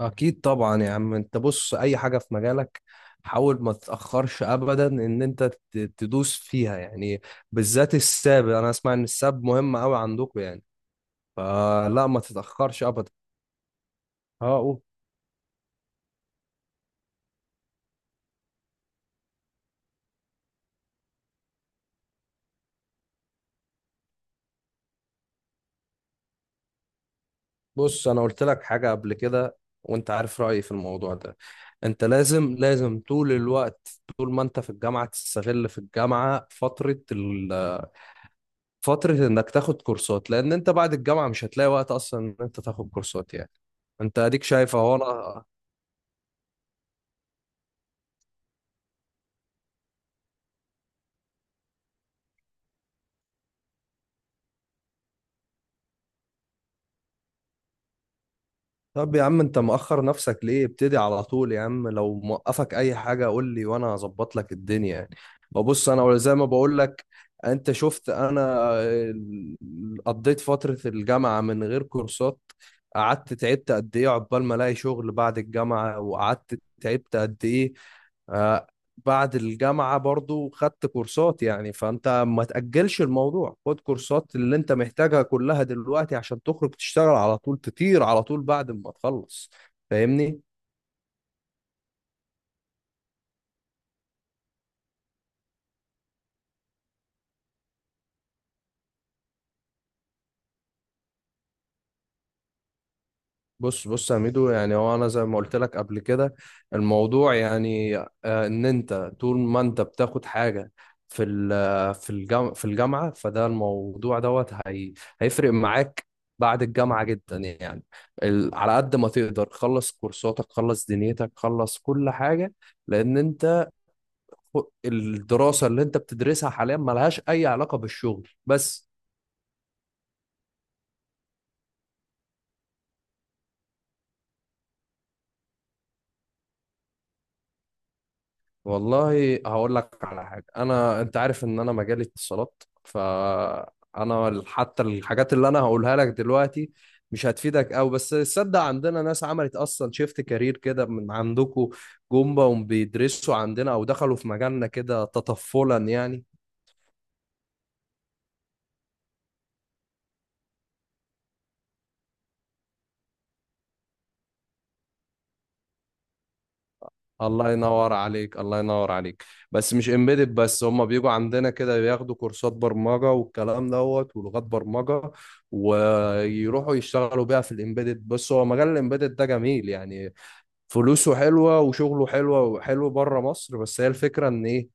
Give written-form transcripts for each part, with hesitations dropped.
اكيد طبعا يا عم. انت بص، اي حاجه في مجالك حاول ما تتاخرش ابدا ان انت تدوس فيها يعني. بالذات الساب، انا اسمع ان الساب مهم قوي عندكم يعني، فلا ما تتاخرش ابدا. اه قول. بص، انا قلت لك حاجه قبل كده وانت عارف رايي في الموضوع ده. انت لازم طول الوقت، طول ما انت في الجامعه تستغل في الجامعه فترة انك تاخد كورسات، لان انت بعد الجامعة مش هتلاقي وقت اصلا ان انت تاخد كورسات يعني. انت اديك شايف اهو انا. طب يا عم انت مأخر نفسك ليه؟ ابتدي على طول يا عم، لو موقفك اي حاجة قول لي وانا هظبط لك الدنيا يعني. ببص، انا زي ما بقول لك، انت شفت انا قضيت فترة الجامعة من غير كورسات، قعدت تعبت قد ايه عقبال ما الاقي شغل بعد الجامعة، وقعدت تعبت قد ايه. آه، بعد الجامعة برضو خدت كورسات يعني، فأنت ما تأجلش الموضوع، خد كورسات اللي أنت محتاجها كلها دلوقتي عشان تخرج تشتغل على طول، تطير على طول بعد ما تخلص. فاهمني؟ بص يا ميدو، يعني هو انا زي ما قلت لك قبل كده الموضوع يعني ان انت طول ما انت بتاخد حاجه في الجامعه فده الموضوع دوت، هي هيفرق معاك بعد الجامعه جدا يعني. على قد ما تقدر خلص كورساتك، خلص دنيتك، خلص كل حاجه، لان انت الدراسه اللي انت بتدرسها حاليا ملهاش اي علاقه بالشغل بس. والله هقول لك على حاجة. أنا، أنت عارف إن أنا مجالي اتصالات، فأنا حتى الحاجات اللي أنا هقولها لك دلوقتي مش هتفيدك أوي، بس تصدق عندنا ناس عملت أصلا شيفت كارير كده من عندكم، جم بقوا بيدرسوا عندنا أو دخلوا في مجالنا كده تطفلا يعني. الله ينور عليك. بس مش امبيدد بس، هم بيجوا عندنا كده بياخدوا كورسات برمجة والكلام دوت، ولغات برمجة ويروحوا يشتغلوا بيها في الامبيدد. بس هو مجال الامبيدد ده جميل يعني، فلوسه حلوة وشغله حلوة وحلو بره مصر. بس هي الفكرة ان ايه،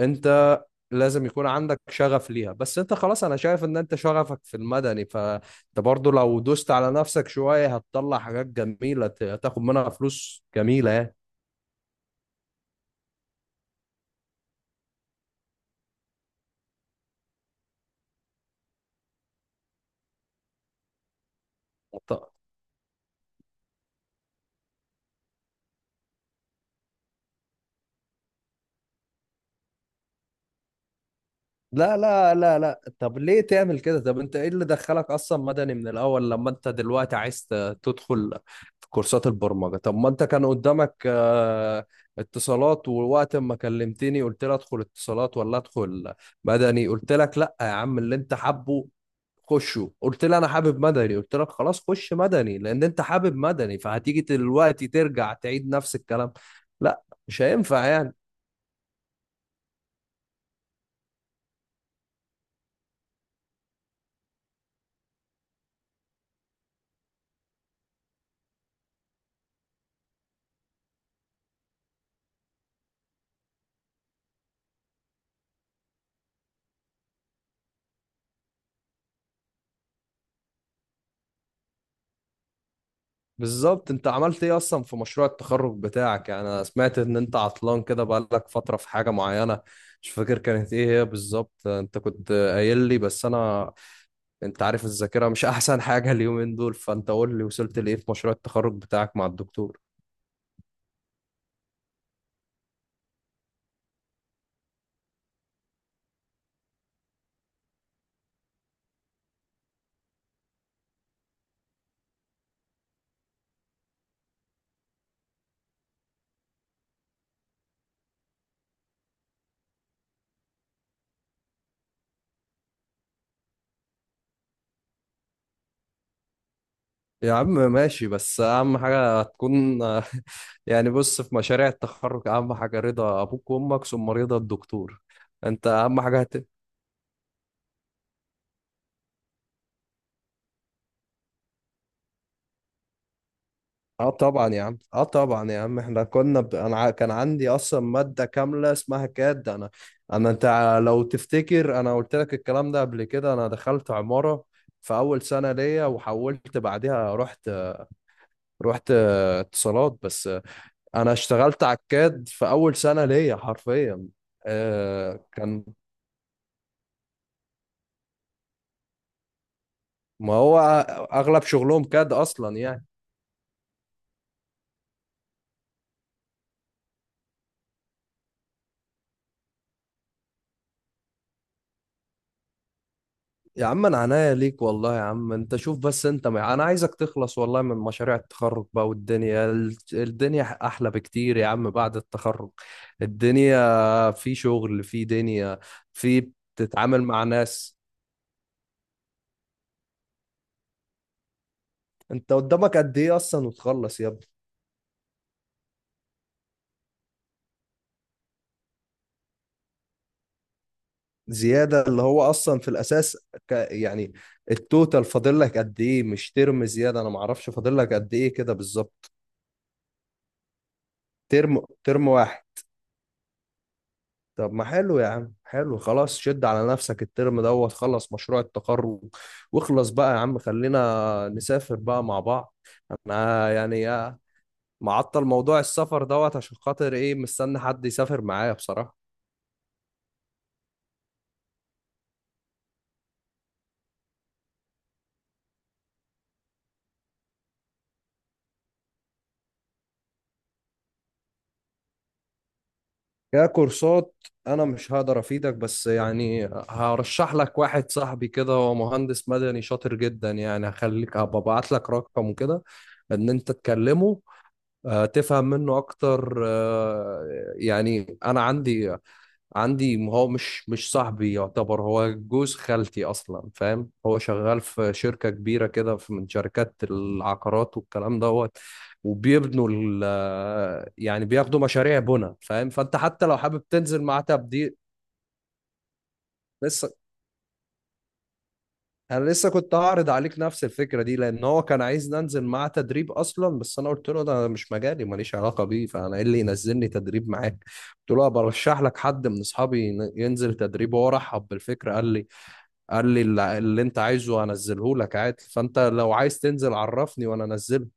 انت لازم يكون عندك شغف ليها. بس انت خلاص، انا شايف ان انت شغفك في المدني، فانت برضو لو دوست على نفسك شوية هتطلع حاجات جميلة، هتاخد منها فلوس جميلة يعني. لا، طب ليه تعمل كده؟ طب انت ايه اللي دخلك اصلا مدني من الاول، لما انت دلوقتي عايز تدخل في كورسات البرمجة؟ طب ما انت كان قدامك اتصالات، ووقت ما كلمتني قلت لي ادخل اتصالات ولا ادخل مدني؟ قلت لك لا يا عم اللي انت حابه خشه، قلت لي انا حابب مدني، قلت لك خلاص خش مدني لان انت حابب مدني. فهتيجي دلوقتي ترجع تعيد نفس الكلام؟ لا، مش هينفع يعني. بالظبط، انت عملت ايه اصلا في مشروع التخرج بتاعك يعني؟ انا سمعت ان انت عطلان كده بقالك فترة في حاجة معينة، مش فاكر كانت ايه هي بالظبط، انت كنت قايل لي بس انا، انت عارف الذاكرة مش احسن حاجة اليومين دول. فانت قول لي، وصلت لايه في مشروع التخرج بتاعك مع الدكتور؟ يا عم ماشي، بس اهم حاجة تكون يعني. بص، في مشاريع التخرج اهم حاجة رضا ابوك وامك، ثم رضا الدكتور. انت اهم حاجة. اه طبعا يا عم، اه طبعا يا عم، احنا كنا انا كان عندي اصلا ماده كامله اسمها كاد. انا انت لو تفتكر انا قلت لك الكلام ده قبل كده، انا دخلت عماره في اول سنه ليا وحولت بعدها، رحت اتصالات. بس انا اشتغلت على الكاد في اول سنه ليا حرفيا. آه كان، ما هو اغلب شغلهم كاد اصلا يعني. يا عم انا عناية ليك والله. يا عم انت شوف بس، انت ما... انا عايزك تخلص والله من مشاريع التخرج بقى، والدنيا الدنيا احلى بكتير يا عم بعد التخرج. الدنيا في شغل، في دنيا، في بتتعامل مع ناس. انت قدامك قد ايه اصلا؟ وتخلص يا ابني. زيادة، اللي هو اصلا في الاساس يعني التوتال فاضل لك قد ايه؟ مش ترم زيادة، انا ما اعرفش فاضل لك قد ايه كده بالظبط. ترم واحد؟ طب ما حلو يا عم، حلو، خلاص شد على نفسك الترم دوت، خلص مشروع التخرج واخلص بقى يا عم، خلينا نسافر بقى مع بعض. انا يعني معطل موضوع السفر دوت عشان خاطر ايه، مستني حد يسافر معايا بصراحة. ككورسات انا مش هقدر افيدك، بس يعني هرشح لك واحد صاحبي كده، هو مهندس مدني شاطر جدا يعني، هخليك، هبقى ابعت لك رقمه كده ان انت تكلمه تفهم منه اكتر. يعني انا عندي هو مش صاحبي يعتبر، هو جوز خالتي اصلا، فاهم؟ هو شغال في شركة كبيرة كده في، من شركات العقارات والكلام دوت، وبيبنوا يعني بياخدوا مشاريع بنا، فاهم؟ فانت حتى لو حابب تنزل معاه تبديل. لسه، انا لسه كنت هعرض عليك نفس الفكرة دي، لان هو كان عايز ننزل معاه تدريب اصلا، بس انا قلت له ده مش مجالي ماليش علاقة بيه، فانا ايه اللي ينزلني تدريب معاك؟ قلت له برشح لك حد من اصحابي ينزل تدريب، وهو رحب بالفكرة. قال لي اللي انت عايزه هنزله لك عادي، فانت لو عايز تنزل عرفني وانا انزله.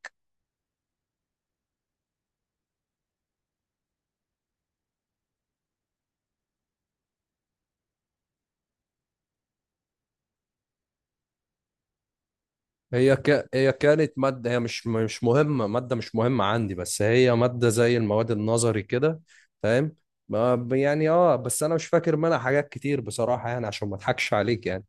هي هي كانت ماده، هي مش مهمه، ماده مش مهمه عندي، بس هي ماده زي المواد النظري كده، فاهم؟ يعني اه، بس انا مش فاكر منها حاجات كتير بصراحه يعني، عشان ما اضحكش عليك يعني.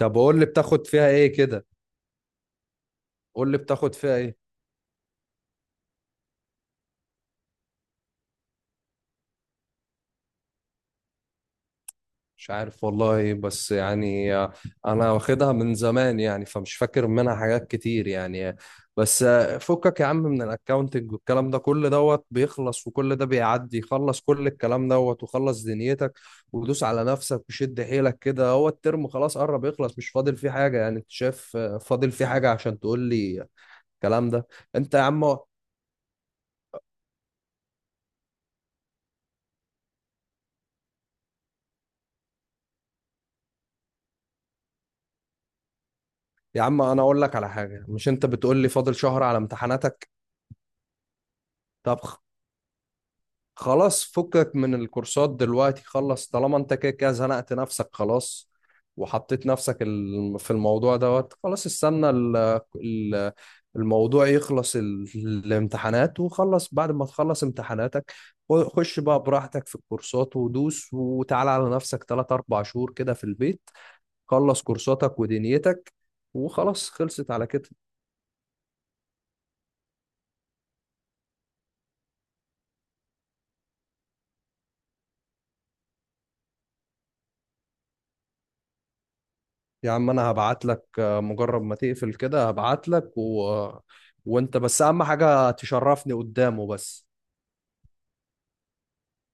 طب قول لي بتاخد فيها ايه كده؟ قول لي بتاخد فيها ايه؟ مش عارف والله، بس يعني انا واخدها من زمان يعني، فمش فاكر منها حاجات كتير يعني. بس فكك يا عم من الاكاونتنج والكلام ده، كل دوت بيخلص وكل ده بيعدي، خلص كل الكلام دوت وخلص دنيتك، ودوس على نفسك وشد حيلك كده، هو الترم خلاص قرب يخلص، مش فاضل فيه حاجة يعني، انت شايف فاضل فيه حاجة عشان تقول لي الكلام ده؟ انت يا عم، يا عم انا اقول لك على حاجة، مش انت بتقول لي فاضل شهر على امتحاناتك؟ طب خلاص، فكك من الكورسات دلوقتي، خلص طالما انت كده كده زنقت نفسك خلاص، وحطيت نفسك في الموضوع دوت. خلاص استنى الموضوع يخلص، الامتحانات، وخلص بعد ما تخلص امتحاناتك خش بقى براحتك في الكورسات، ودوس وتعال على نفسك 3 4 شهور كده في البيت، خلص كورساتك ودنيتك، وخلاص خلصت على كده. يا عم انا هبعت لك مجرد ما تقفل كده هبعت لك وانت بس اهم حاجة تشرفني قدامه بس.